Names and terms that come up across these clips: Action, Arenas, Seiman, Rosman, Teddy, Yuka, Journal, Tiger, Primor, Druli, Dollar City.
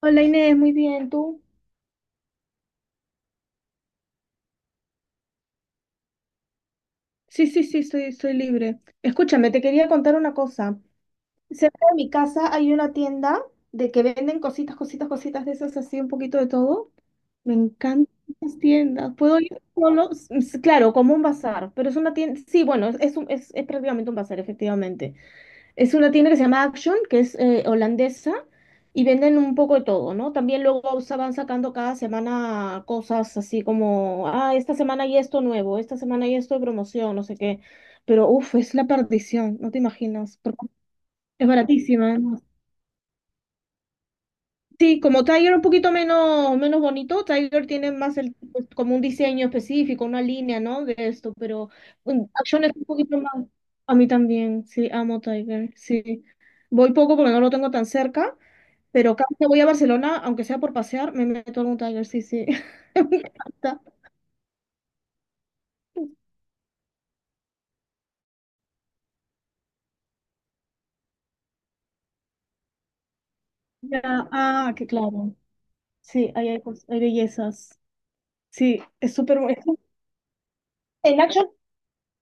Hola Inés, muy bien, ¿tú? Sí, sí, sí, estoy libre. Escúchame, te quería contar una cosa. Cerca de mi casa hay una tienda de que venden cositas, cositas, cositas de esas, así un poquito de todo. Me encantan esas tiendas. ¿Puedo ir solo? Claro, como un bazar, pero es una tienda, sí, bueno, es prácticamente un bazar, efectivamente. Es una tienda que se llama Action, que es holandesa, y venden un poco de todo, ¿no? También luego van sacando cada semana cosas así como, ah, esta semana hay esto nuevo, esta semana hay esto de promoción, no sé qué. Pero, uff, es la perdición, no te imaginas, porque es baratísima. ¿No? Sí, como Tiger un poquito menos, menos bonito, Tiger tiene más el, pues, como un diseño específico, una línea, ¿no? De esto, pero Action es un poquito más. A mí también, sí, amo Tiger, sí. Voy poco porque no lo tengo tan cerca, pero cada vez que voy a Barcelona, aunque sea por pasear, me meto en un Tiger, sí, sí. Me encanta. Ya, ah, que claro. Sí, ahí hay, hay bellezas. Sí, es súper bueno. En Action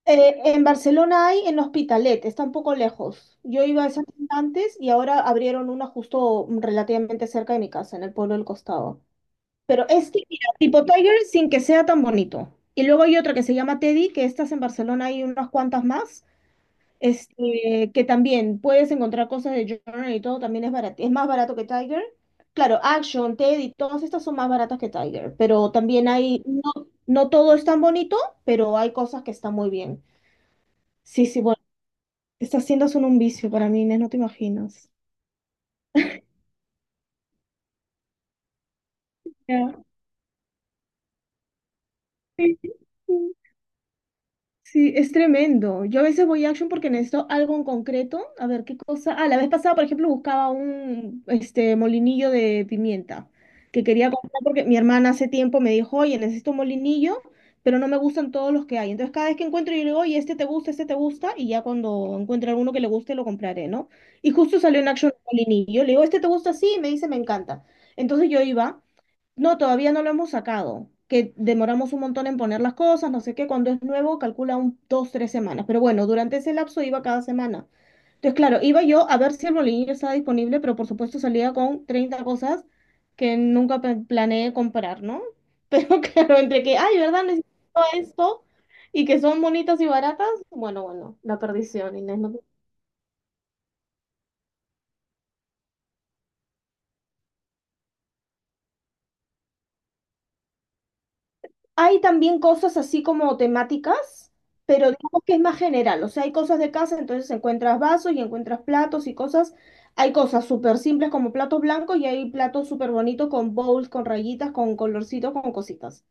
En Barcelona hay en Hospitalet, está un poco lejos. Yo iba a esa tienda antes y ahora abrieron una justo relativamente cerca de mi casa, en el pueblo del costado. Pero es mira, tipo Tiger sin que sea tan bonito. Y luego hay otra que se llama Teddy, que estas en Barcelona hay unas cuantas más, este, que también puedes encontrar cosas de Journal y todo, también es barato, es más barato que Tiger. Claro, Action, Teddy, todas estas son más baratas que Tiger, pero también hay, no, no todo es tan bonito, pero hay cosas que están muy bien. Sí, sí, bueno. Estas tiendas son un vicio para mí, Inés, no te imaginas. Ya. Sí, sí, sí, es tremendo. Yo a veces voy a Action porque necesito algo en concreto. A ver qué cosa. Ah, la vez pasada, por ejemplo, buscaba un este molinillo de pimienta que quería comprar porque mi hermana hace tiempo me dijo, oye, necesito un molinillo, pero no me gustan todos los que hay. Entonces, cada vez que encuentro, yo le digo, oye, este te gusta, y ya cuando encuentre alguno que le guste, lo compraré, ¿no? Y justo salió en Action un molinillo. Le digo, este te gusta, sí, y me dice, me encanta. Entonces yo iba. No, todavía no lo hemos sacado, que demoramos un montón en poner las cosas, no sé qué, cuando es nuevo calcula un, dos, tres semanas, pero bueno, durante ese lapso iba cada semana. Entonces, claro, iba yo a ver si el bolillo estaba disponible, pero por supuesto salía con 30 cosas que nunca planeé comprar, ¿no? Pero claro, entre que, ay, ¿verdad? Necesito esto y que son bonitas y baratas, bueno, bueno, la perdición, Inés, no. Hay también cosas así como temáticas, pero digamos que es más general. O sea, hay cosas de casa, entonces encuentras vasos y encuentras platos y cosas. Hay cosas súper simples como platos blancos y hay platos súper bonitos con bowls, con rayitas, con colorcitos, con cositas.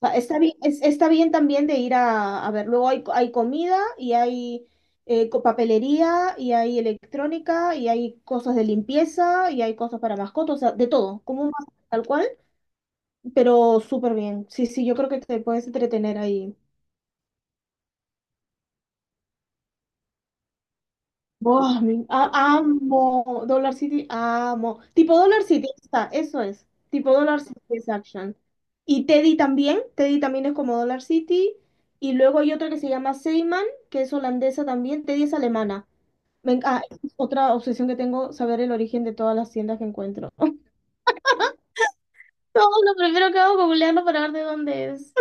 O sea, está bien, está bien también de ir a ver. Luego hay comida y hay papelería y hay electrónica y hay cosas de limpieza y hay cosas para mascotas, o sea, de todo, como un bazar, tal cual, pero súper bien. Sí, sí, yo creo que te puedes entretener ahí. Buah, amo Dollar City, amo. Tipo Dollar City, ahí está, eso es. Tipo Dollar City es Action. Y Teddy también es como Dollar City. Y luego hay otra que se llama Seiman, que es holandesa también. Teddy es alemana. Es otra obsesión que tengo, saber el origen de todas las tiendas que encuentro. Todo lo primero que hago es googlearlo para ver de dónde es.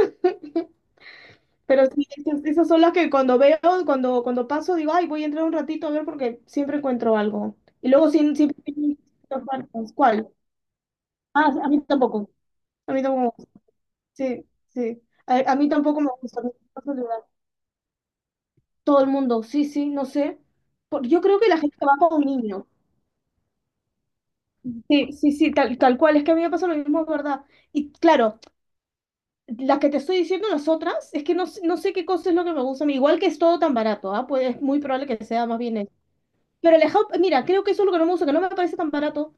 Pero sí, esas son las que cuando veo, cuando paso, digo, ay, voy a entrar un ratito a ver porque siempre encuentro algo. Y luego siempre, tienen distintas marcas. ¿Cuál? Ah, a mí tampoco. A mí tampoco. Sí, sí. A mí tampoco me gusta. Me gusta el. Todo el mundo, sí, sí, no sé. Yo creo que la gente va con niños. Sí, sí, sí, tal cual. Es que a mí me pasa lo mismo, es verdad. Y claro, las que te estoy diciendo, las otras, es que no, no sé qué cosa es lo que me gusta a mí. Igual que es todo tan barato, ¿ah? Pues es muy probable que sea más bien. Pero el Hub, mira, creo que eso es lo que no me gusta, que no me parece tan barato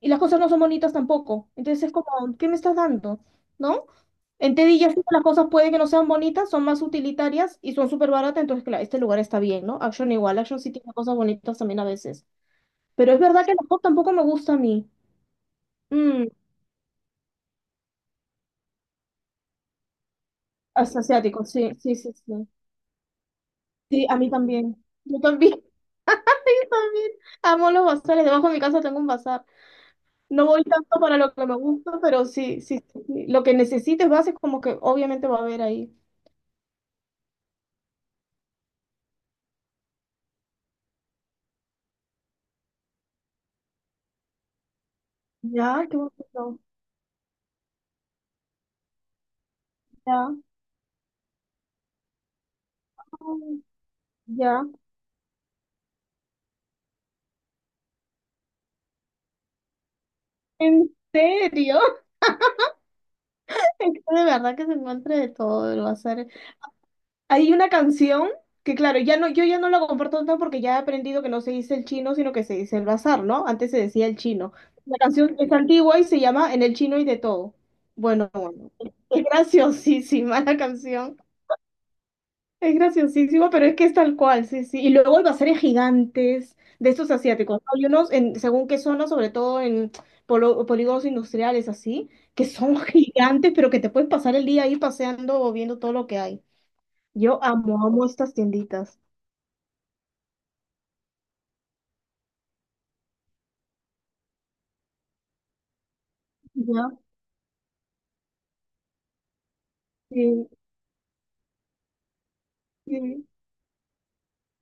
y las cosas no son bonitas tampoco. Entonces es como, ¿qué me estás dando? ¿No? En Teddy ya sí las cosas puede que no sean bonitas, son más utilitarias y son súper baratas, entonces claro, este lugar está bien, ¿no? Action igual, Action sí tiene cosas bonitas también a veces. Pero es verdad que el Hub tampoco me gusta a mí. Mm, Asiático, sí, sí, sí, sí. Sí, a mí también. Yo también. Yo también. Amo los bazares. Debajo de mi casa tengo un bazar. No voy tanto para lo que me gusta, pero sí, sí, sí, sí. Lo que necesites base como que obviamente va a haber ahí. Ya, qué bonito. Ya, ay, ya. ¿En serio? Es que de verdad que se encuentra de todo, lo va a hacer. Hay una canción que, claro, ya no, yo ya no la comparto tanto porque ya he aprendido que no se dice el chino, sino que se dice el bazar, ¿no? Antes se decía el chino. La canción es antigua y se llama En el chino y de todo. Bueno, bueno. Es graciosísima la canción. Es graciosísimo, pero es que es tal cual, sí, sí. Y luego hay baseres gigantes de estos asiáticos. ¿No? Hay unos, en, según qué zona, sobre todo en polígonos industriales, así, que son gigantes, pero que te puedes pasar el día ahí paseando o viendo todo lo que hay. Yo amo, amo estas tienditas. Ya. Sí, sí,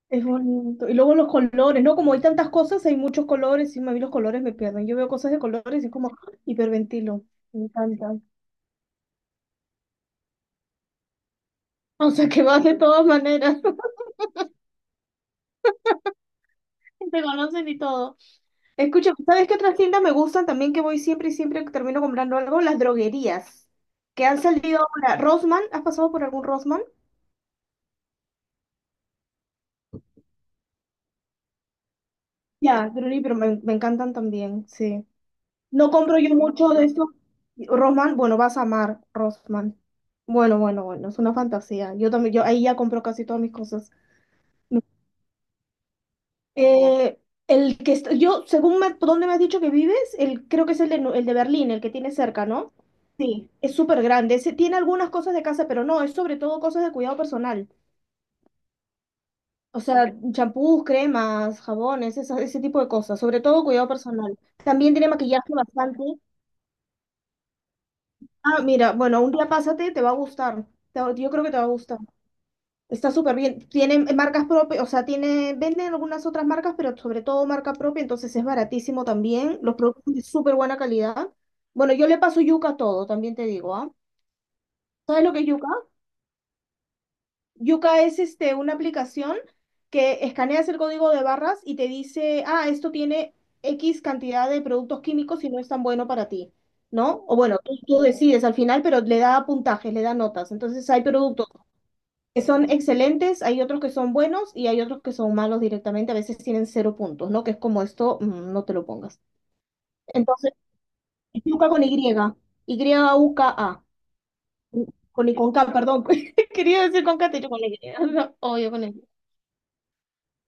es bonito. Y luego los colores, ¿no? Como hay tantas cosas, hay muchos colores, y a mí los colores me pierden. Yo veo cosas de colores y es como hiperventilo. Me encanta. O sea que vas de todas maneras, te conocen y todo. Escucha, ¿sabes qué otras tiendas me gustan también que voy siempre y siempre que termino comprando algo? Las droguerías, que han salido ahora. Rosman, ¿has pasado por algún Rosman? Ya, Druli, pero me encantan también, sí. No compro yo mucho de esto. Rosman, bueno, vas a amar Rosman. Bueno, bueno, bueno, es una fantasía. Yo también, yo ahí ya compro casi todas mis cosas. Eh, el que está, yo, según por dónde me has dicho que vives, el, creo que es el de, el de Berlín, el que tiene cerca, ¿no? Sí, es súper grande. Ese tiene algunas cosas de casa, pero no, es sobre todo cosas de cuidado personal. O sea, champús, cremas, jabones, ese tipo de cosas. Sobre todo cuidado personal. También tiene maquillaje bastante. Ah, mira, bueno, un día pásate, te va a gustar. Yo creo que te va a gustar. Está súper bien. Tienen marcas propias, o sea, tiene, venden algunas otras marcas, pero sobre todo marca propia, entonces es baratísimo también. Los productos son de súper buena calidad. Bueno, yo le paso yuca a todo, también te digo, ¿ah? ¿Sabes lo que es yuca? Yuca es este, una aplicación que escaneas el código de barras y te dice, ah, esto tiene X cantidad de productos químicos y no es tan bueno para ti, ¿no? O bueno, tú decides al final, pero le da puntajes, le da notas. Entonces hay productos que son excelentes, hay otros que son buenos y hay otros que son malos directamente, a veces tienen cero puntos, ¿no? Que es como esto, no te lo pongas. Entonces, yuca con Y, Yuka, y con K, perdón, quería decir con K, te he dicho con Y, no, obvio con Y.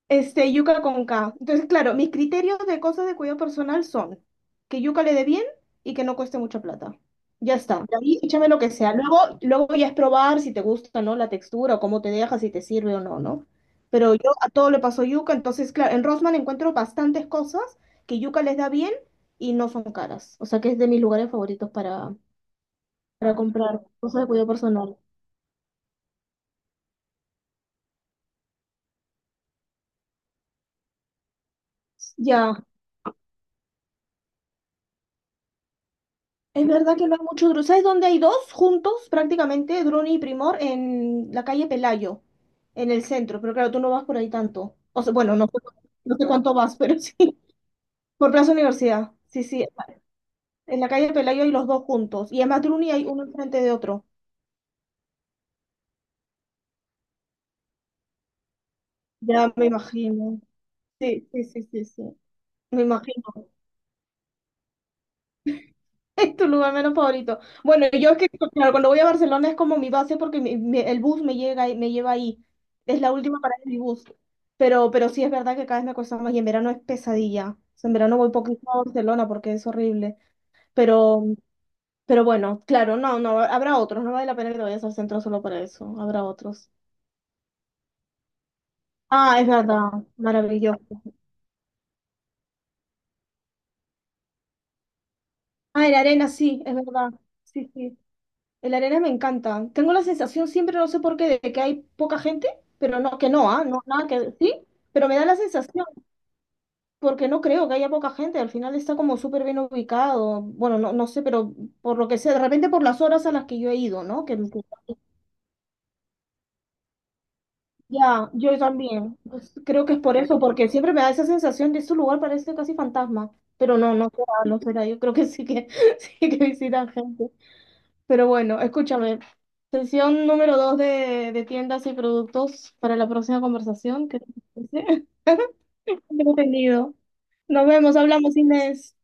Este, yuca con K. Entonces, claro, mis criterios de cosas de cuidado personal son que yuca le dé bien y que no cueste mucha plata. Ya está. De ahí échame lo que sea. Luego ya es probar si te gusta, ¿no? La textura, o cómo te deja, si te sirve o no, ¿no? Pero yo a todo le paso yuca, entonces, claro, en Rosman encuentro bastantes cosas que yuca les da bien y no son caras. O sea que es de mis lugares favoritos para comprar cosas de cuidado personal. Ya, es verdad que no hay mucho Dru. ¿Sabes dónde hay dos juntos prácticamente, Druni y Primor, en la calle Pelayo, en el centro? Pero claro, tú no vas por ahí tanto. O sea, bueno, no sé, no sé cuánto vas, pero sí. Por Plaza Universidad. Sí, sí. En la calle Pelayo hay los dos juntos. Y además Druni hay uno enfrente de otro. Ya me imagino. Sí, sí, sí, sí, sí. Me imagino. Es tu lugar menos favorito. Bueno, yo es que, claro, cuando voy a Barcelona es como mi base porque el bus me llega, y me lleva ahí. Es la última parada de mi bus. Pero sí es verdad que cada vez me cuesta más y en verano es pesadilla. O sea, en verano voy poquito a Barcelona porque es horrible. Pero, pero bueno, claro, no, habrá otros. No vale la pena que te vayas al centro solo para eso. Habrá otros. Ah, es verdad. Maravilloso. Ah, en la arena, sí, es verdad. Sí, sí. El Arenas me encanta. Tengo la sensación siempre, no sé por qué, de que hay poca gente, pero no, que no, ¿ah? No, nada que sí, pero me da la sensación, porque no creo que haya poca gente. Al final está como súper bien ubicado. Bueno, no, no sé, pero por lo que sé, de repente por las horas a las que yo he ido, ¿no? Ya, yo también. Pues, creo que es por eso, porque siempre me da esa sensación de este lugar parece casi fantasma. Pero no, no será, no será. Yo creo que sí que sí que visitan gente. Pero bueno, escúchame. Sesión número dos de tiendas y productos para la próxima conversación. ¿Qué te parece? Entretenido. Nos vemos, hablamos, Inés.